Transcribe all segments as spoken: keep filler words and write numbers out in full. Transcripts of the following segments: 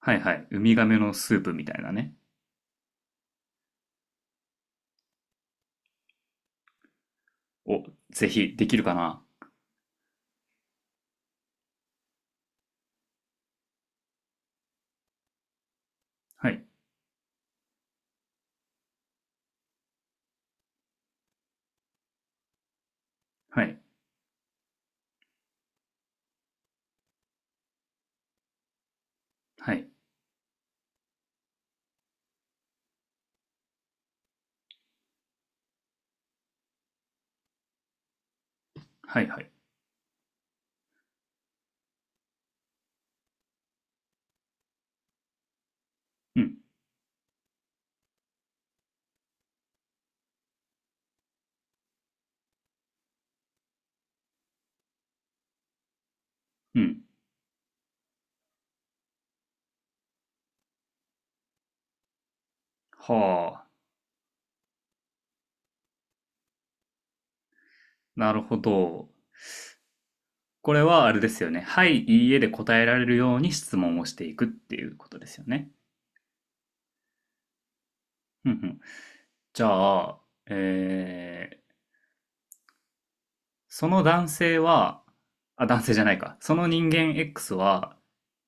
はいはい。ウミガメのスープみたいなね。を、ぜひ、できるかな。はい、はい、はい、はい、はい。うん、うん。はあ。なるほど。これはあれですよね。はい、いいえで答えられるように質問をしていくっていうことですよね。うんうん。じゃあ、えー、その男性は、あ、男性じゃないか。その人間 X は、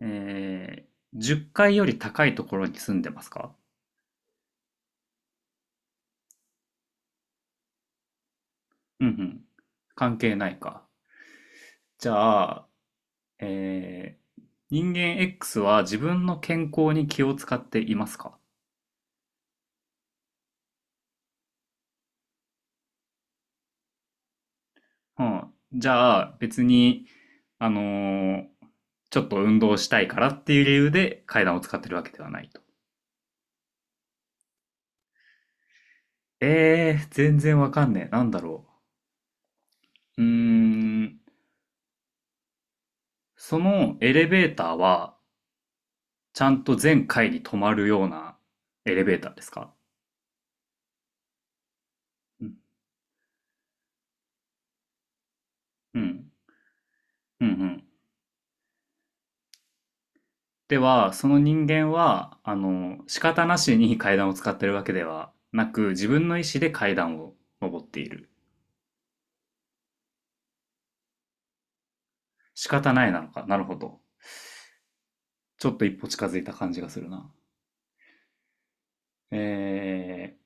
えー、じゅっかいより高いところに住んでますか？うんうん。関係ないか。じゃあ、えー人間 X は自分の健康に気を使っていますか？うん。じゃあ別に、あのーちょっと運動したいからっていう理由で階段を使ってるわけではないと。えー、全然わかんねえ。なんだろう。うーん。そのエレベーターはちゃんと全階に止まるようなエレベーターですか？うん。うん。うんうん。では、その人間は、あの、仕方なしに階段を使ってるわけではなく、自分の意思で階段を登っている。仕方ないなのか。なるほど。ちょっと一歩近づいた感じがするな。え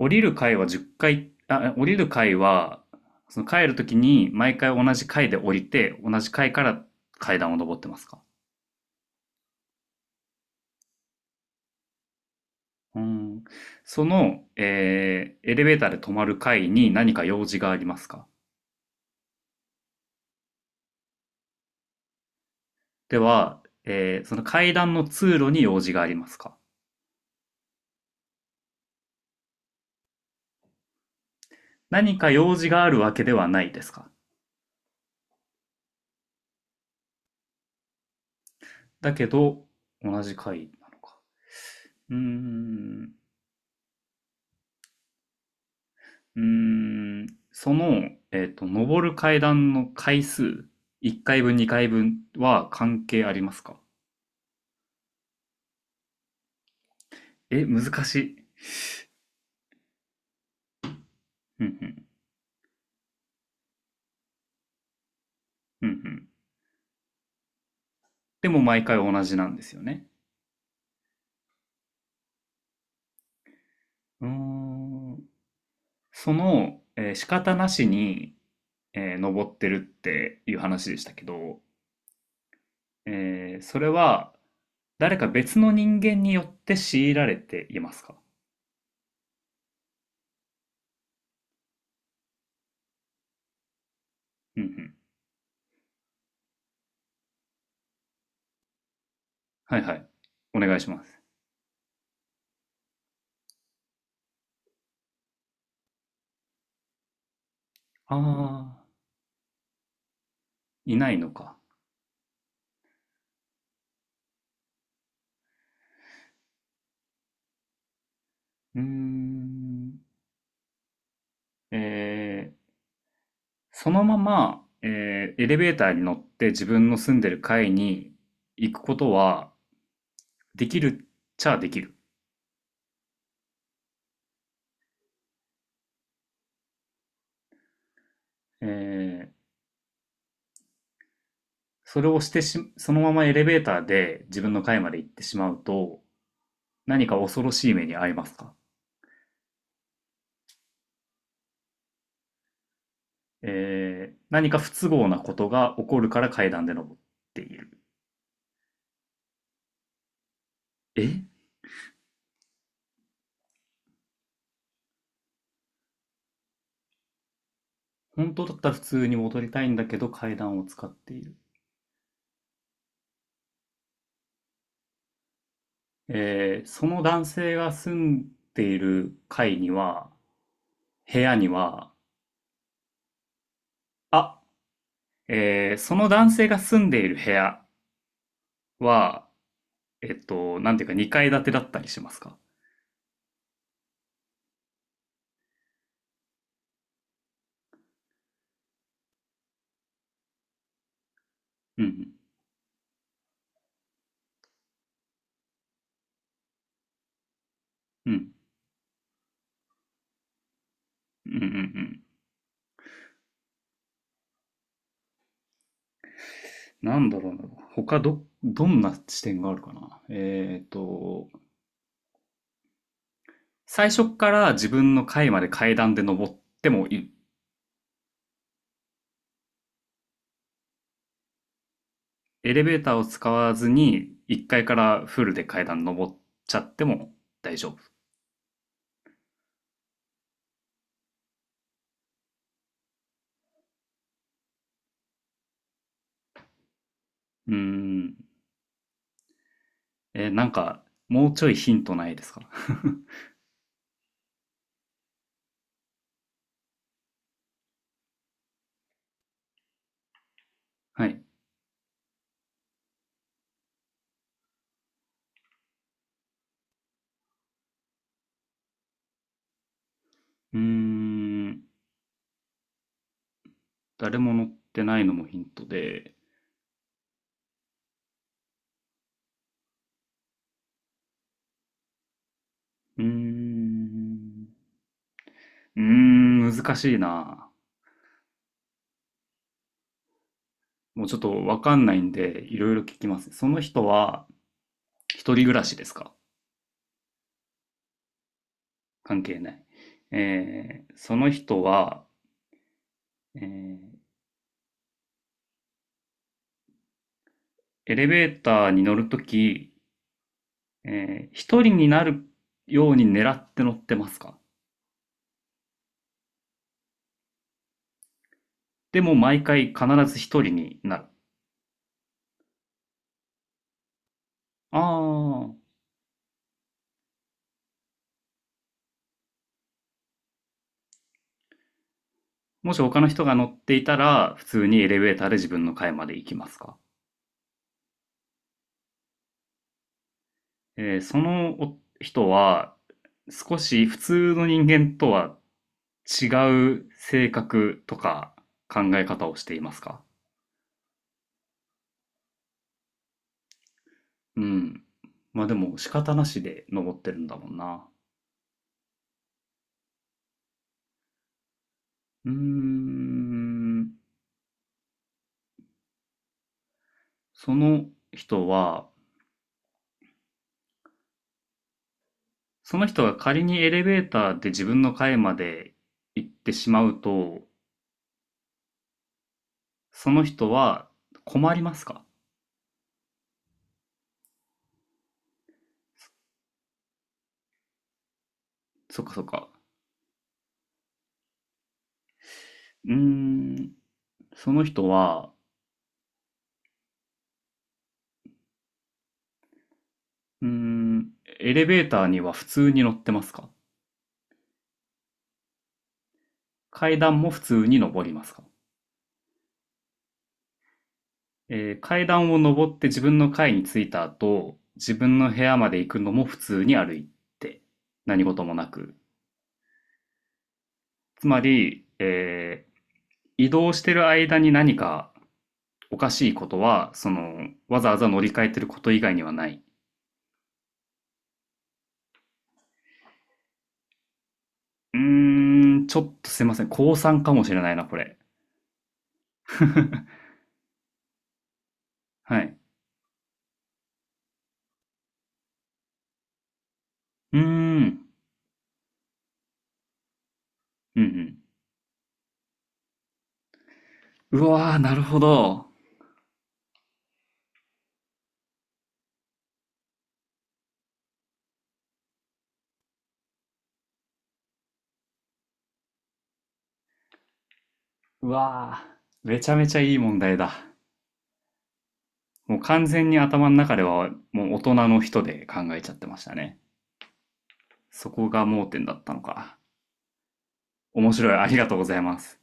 ー、降りる階はじゅっかい、あ、降りる階は、その帰るときに毎回同じ階で降りて、同じ階から階段を登ってますか？うーん。その、えー、エレベーターで止まる階に何か用事がありますか？では、えーその階段の通路に用事がありますか？何か用事があるわけではないですか？だけど、同じ階なのか。うーん、うーん、その、えっと、上る階段の回数、いっかいぶん、にかいぶんは関係ありますか？え、難しい。うんうん、うんうん。でも毎回同じなんですよね。うーん、その、えー仕方なしに、えー登ってるっていう話でしたけど、えー、それは誰か別の人間によって強いられていますか？うんうん。はいはい。お願いします。ああ、いないのか。うーん。えー、そのまま、えー、エレベーターに乗って自分の住んでる階に行くことはできるっちゃできる。えー、それをしてし、そのままエレベーターで自分の階まで行ってしまうと、何か恐ろしい目に遭いますか？えー何か不都合なことが起こるから階段で登っている。え本当だったら普通に戻りたいんだけど階段を使っている。えーその男性が住んでいる階には、部屋には、あ、えーその男性が住んでいる部屋は、えっと、なんていうかに建てだったりしますか？うんうん、うん、うん、うん、うん。なんだろうな。他ど、どんな視点があるかな。えーっと、最初から自分の階まで階段で登ってもいい。エレベーターを使わずに、いっかいかいからフルで階段登っちゃっても大丈夫。うーん。えーなんか、もうちょいヒントないですか？ はい。うーん。誰も乗ってないのもヒントで。うーん。うーん、難しいな。もうちょっとわかんないんで、いろいろ聞きます。その人は、一人暮らしですか？関係ない。えーその人は、えーエレベーターに乗るとき、えー一人になるように狙って乗ってますか？でも毎回必ず一人になる。ああ、もし他の人が乗っていたら、普通にエレベーターで自分の階まで行きますか？えーそのお人は、少し普通の人間とは違う性格とか考え方をしていますか？うん。まあでも仕方なしで登ってるんだもんな。うーん。その人は、その人が仮にエレベーターで自分の階まで行ってしまうと、その人は困りますか？そっかそっか。うーん、その人は、うーん、エレベーターには普通に乗ってますか？階段も普通に登りますか？えー階段を登って自分の階に着いた後、自分の部屋まで行くのも普通に歩いて、何事もなく。つまり、えー移動してる間に何かおかしいことは、その、わざわざ乗り換えてること以外にはない。うーん、ちょっとすいません。高さんかもしれないな、これ。はい。うーん、うんうん。うわー、なるほど。うわー、めちゃめちゃいい問題だ。もう完全に頭の中ではもう大人の人で考えちゃってましたね。そこが盲点だったのか。面白い。ありがとうございます。